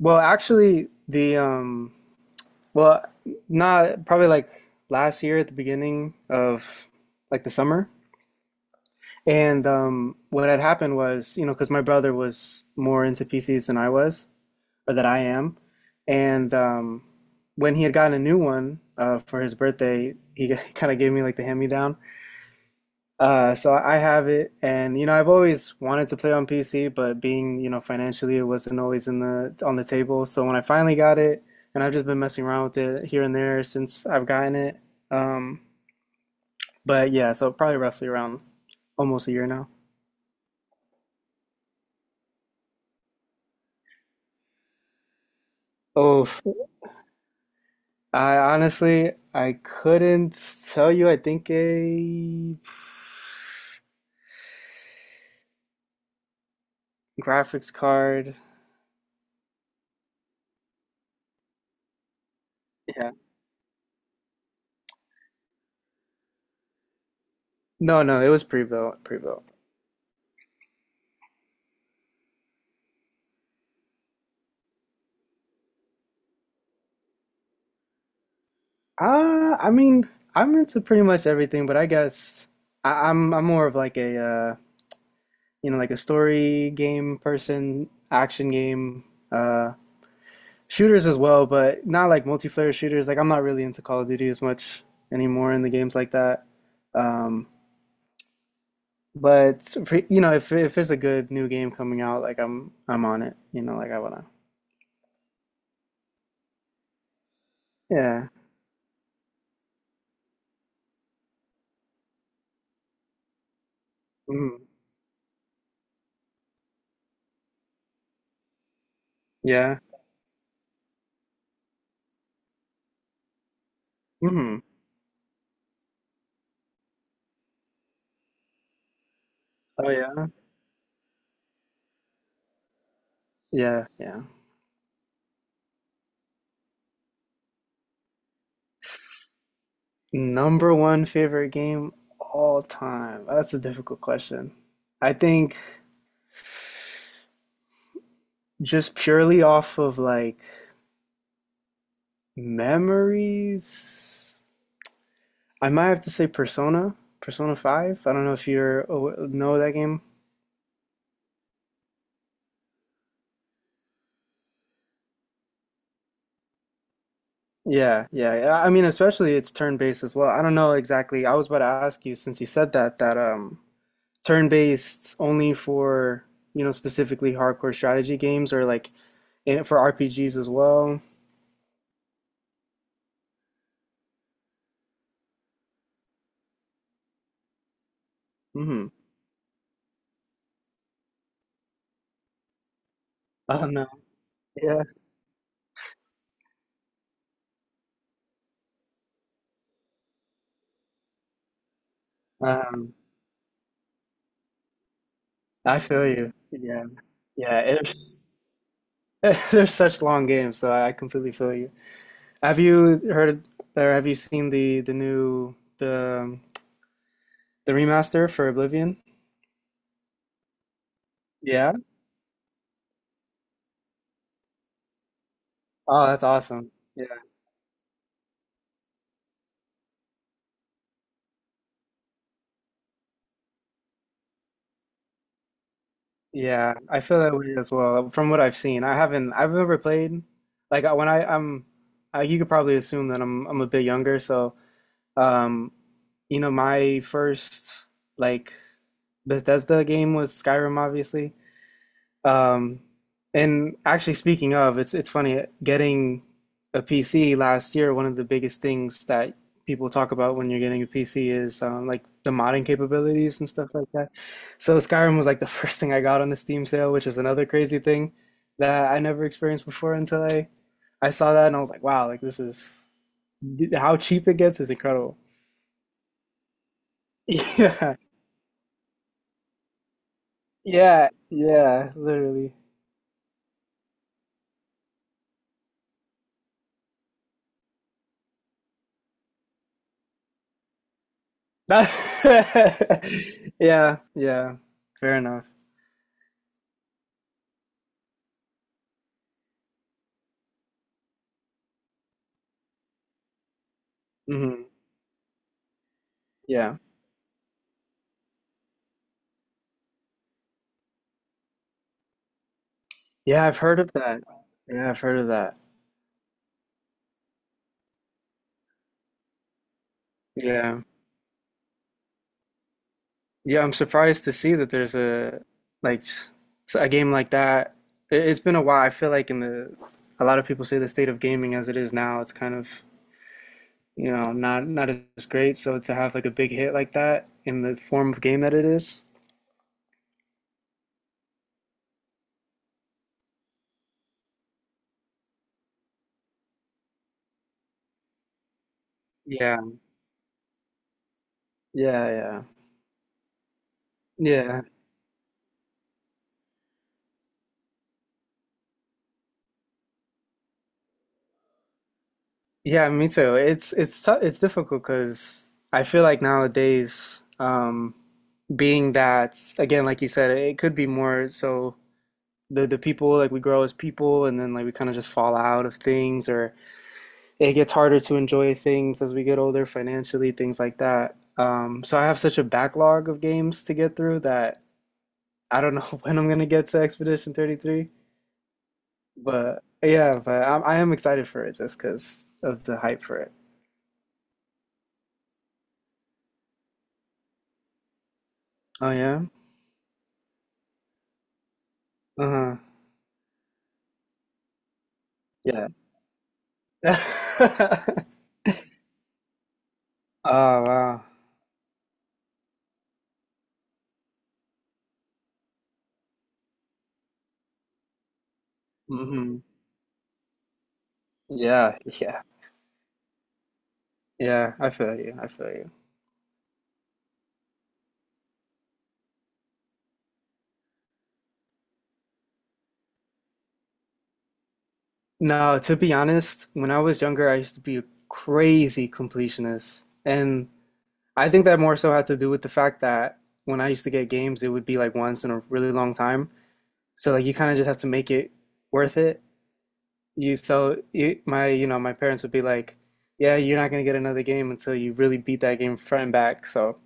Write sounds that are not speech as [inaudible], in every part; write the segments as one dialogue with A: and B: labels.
A: Well, actually, the well, not probably like last year at the beginning of like the summer. And what had happened was, you know, because my brother was more into PCs than I was, or that I am. And when he had gotten a new one for his birthday, he [laughs] kind of gave me like the hand-me-down. So I have it, and you know, I've always wanted to play on PC, but being, you know, financially, it wasn't always in the on the table. So when I finally got it, and I've just been messing around with it here and there since I've gotten it. Um, but yeah, so probably roughly around almost a year now. Oh, I couldn't tell you. I think a graphics card. Yeah. No, no, it was pre-built, pre-built. I mean, I'm into pretty much everything, but I guess I'm more of like a you know, like a story game person, action game, uh, shooters as well, but not like multiplayer shooters. Like I'm not really into Call of Duty as much anymore in the games like that. Um, but for, you know, if there's a good new game coming out, like I'm on it. You know, like I wanna. Yeah. Hmm. Yeah. Hmm. Oh yeah. Yeah. Yeah. Number one favorite game all time. That's a difficult question. I think just purely off of like memories, I might have to say Persona, Persona 5. I don't know if you're know that game. Yeah, yeah, yeah. I mean, especially it's turn-based as well. I don't know exactly. I was about to ask you since you said that turn-based only for, you know, specifically hardcore strategy games or like in for RPGs as well. Hmm. I don't know. Yeah. Um, I feel you. Yeah. Yeah, it's [laughs] there's such long games, so I completely feel you. Have you heard or have you seen the new the the remaster for Oblivion? Yeah. Oh, that's awesome. Yeah. Yeah, I feel that way as well. From what I've seen, I've never played like I- when I I'm I, you could probably assume that I'm a bit younger, so um you know my first like Bethesda game was Skyrim obviously. Um, and actually, speaking of, it's funny getting a PC last year. One of the biggest things that people talk about when you're getting a PC is like the modding capabilities and stuff like that. So Skyrim was like the [laughs] first thing I got on the Steam sale, which is another crazy thing that I never experienced before until I saw that and I was like, wow, like this is how cheap it gets is incredible. [laughs] Yeah, yeah, yeah, literally. [laughs] Yeah, yeah, fair enough. Hmm. Yeah. Yeah, I've heard of that. Yeah, I've heard of that. Yeah. Yeah, I'm surprised to see that there's like s- a game like that. It's been a while. I feel like in the a lot of people say the state of gaming as it is now, it's kind of, you know, not as great. So to have like a big hit like that in the form of game that it is. Yeah. Yeah, yeah. Yeah, yeah, me too. It's it's difficult because I feel like nowadays, being that again, like you said, it could be more so the people like we grow as people, and then like we kind of just fall out of things, or it gets harder to enjoy things as we get older financially, things like that. So I have such a backlog of games to get through that I don't know [laughs] when I'm gonna get to Expedition 33, but yeah, I am excited for it just because of the hype for it. Oh yeah? Uh-huh. Yeah. [laughs] Oh wow. Hmm. Yeah, yeah. Yeah, I feel you. I feel you. No, to be honest, when I was younger, I used to be a crazy completionist. And I think that more so had to do with the fact that when I used to get games, it would be like once in a really long time. So like you kind of just have to make it worth it. You so it, my you know my parents would be like, "Yeah, you're not gonna get another game until you really beat that game front and back." So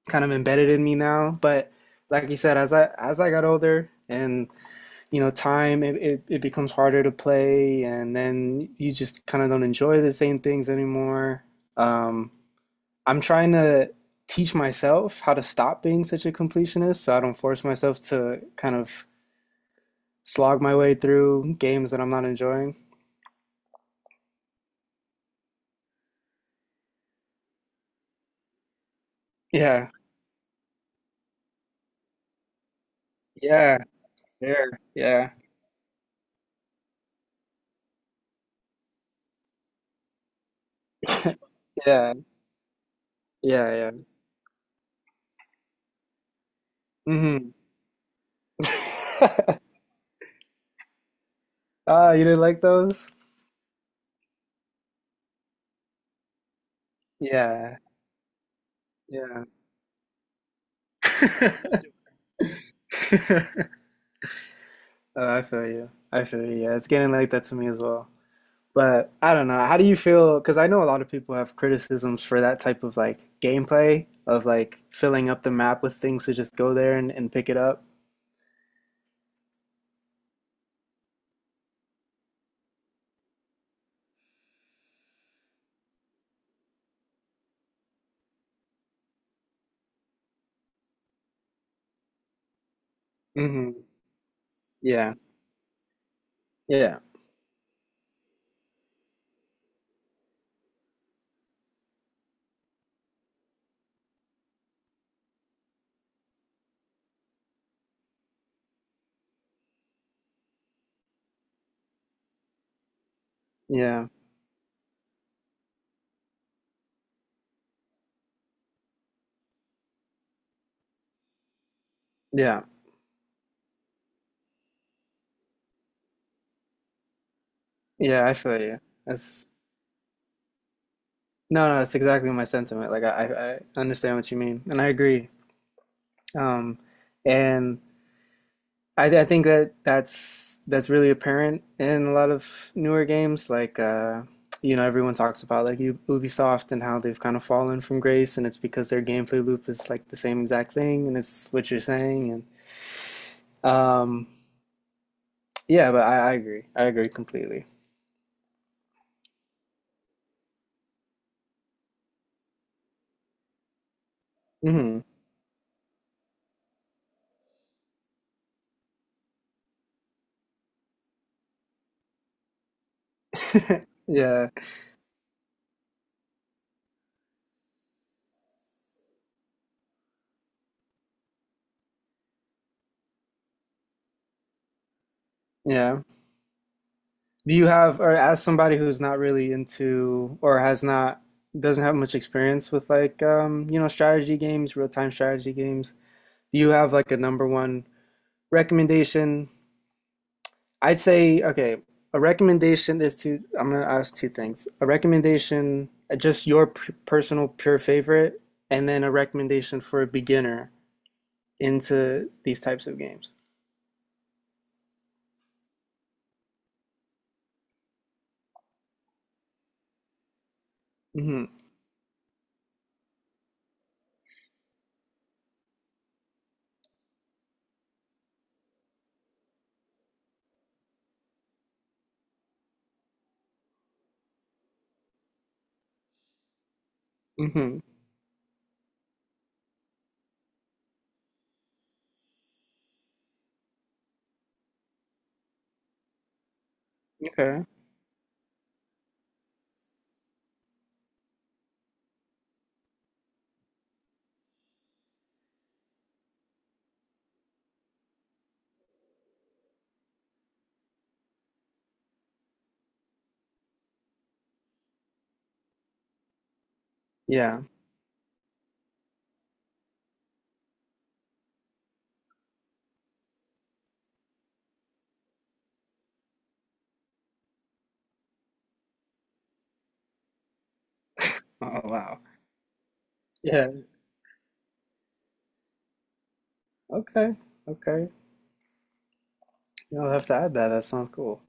A: it's kind of embedded in me now. But like you said, as I got older and you know, time, it becomes harder to play, and then you just kind of don't enjoy the same things anymore. Um, I'm trying to teach myself how to stop being such a completionist so I don't force myself to kind of slog my way through games that I'm not enjoying. Yeah, yeah, there, yeah, yeah, yeah, yeah. Hmm. [laughs] Ah, you didn't like those? Yeah, yeah. [laughs] I feel you. I feel you. Yeah, it's getting like that to me as well. But I don't know. How do you feel? Because I know a lot of people have criticisms for that type of like gameplay of like filling up the map with things to just go there and pick it up. Hmm. Yeah. Yeah. Yeah. Yeah. Yeah. I feel you. That's no, no. It's exactly my sentiment. Like I understand what you mean, and I agree. Um, and I think that that's really apparent in a lot of newer games. Like you know, everyone talks about like Ubisoft and how they've kind of fallen from grace, and it's because their gameplay loop is like the same exact thing, and it's what you're saying. And yeah, but I agree. I agree completely. Hmm. [laughs] Yeah, yeah. Do you have, or as somebody who's not really into, or has not, doesn't have much experience with like, you know, strategy games, real-time strategy games, do you have like a number one recommendation, I'd say okay. A recommendation is to I'm gonna ask two things. A recommendation, just your p personal pure favorite, and then a recommendation for a beginner into these types of games. Hmm. Hmm. Okay. Yeah. Oh wow. Yeah. Okay. Okay. You'll have to add that. That sounds cool.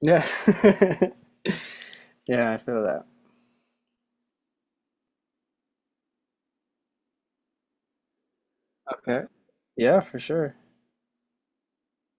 A: Yeah. [laughs] Yeah, I feel that. Okay. Yeah, for sure.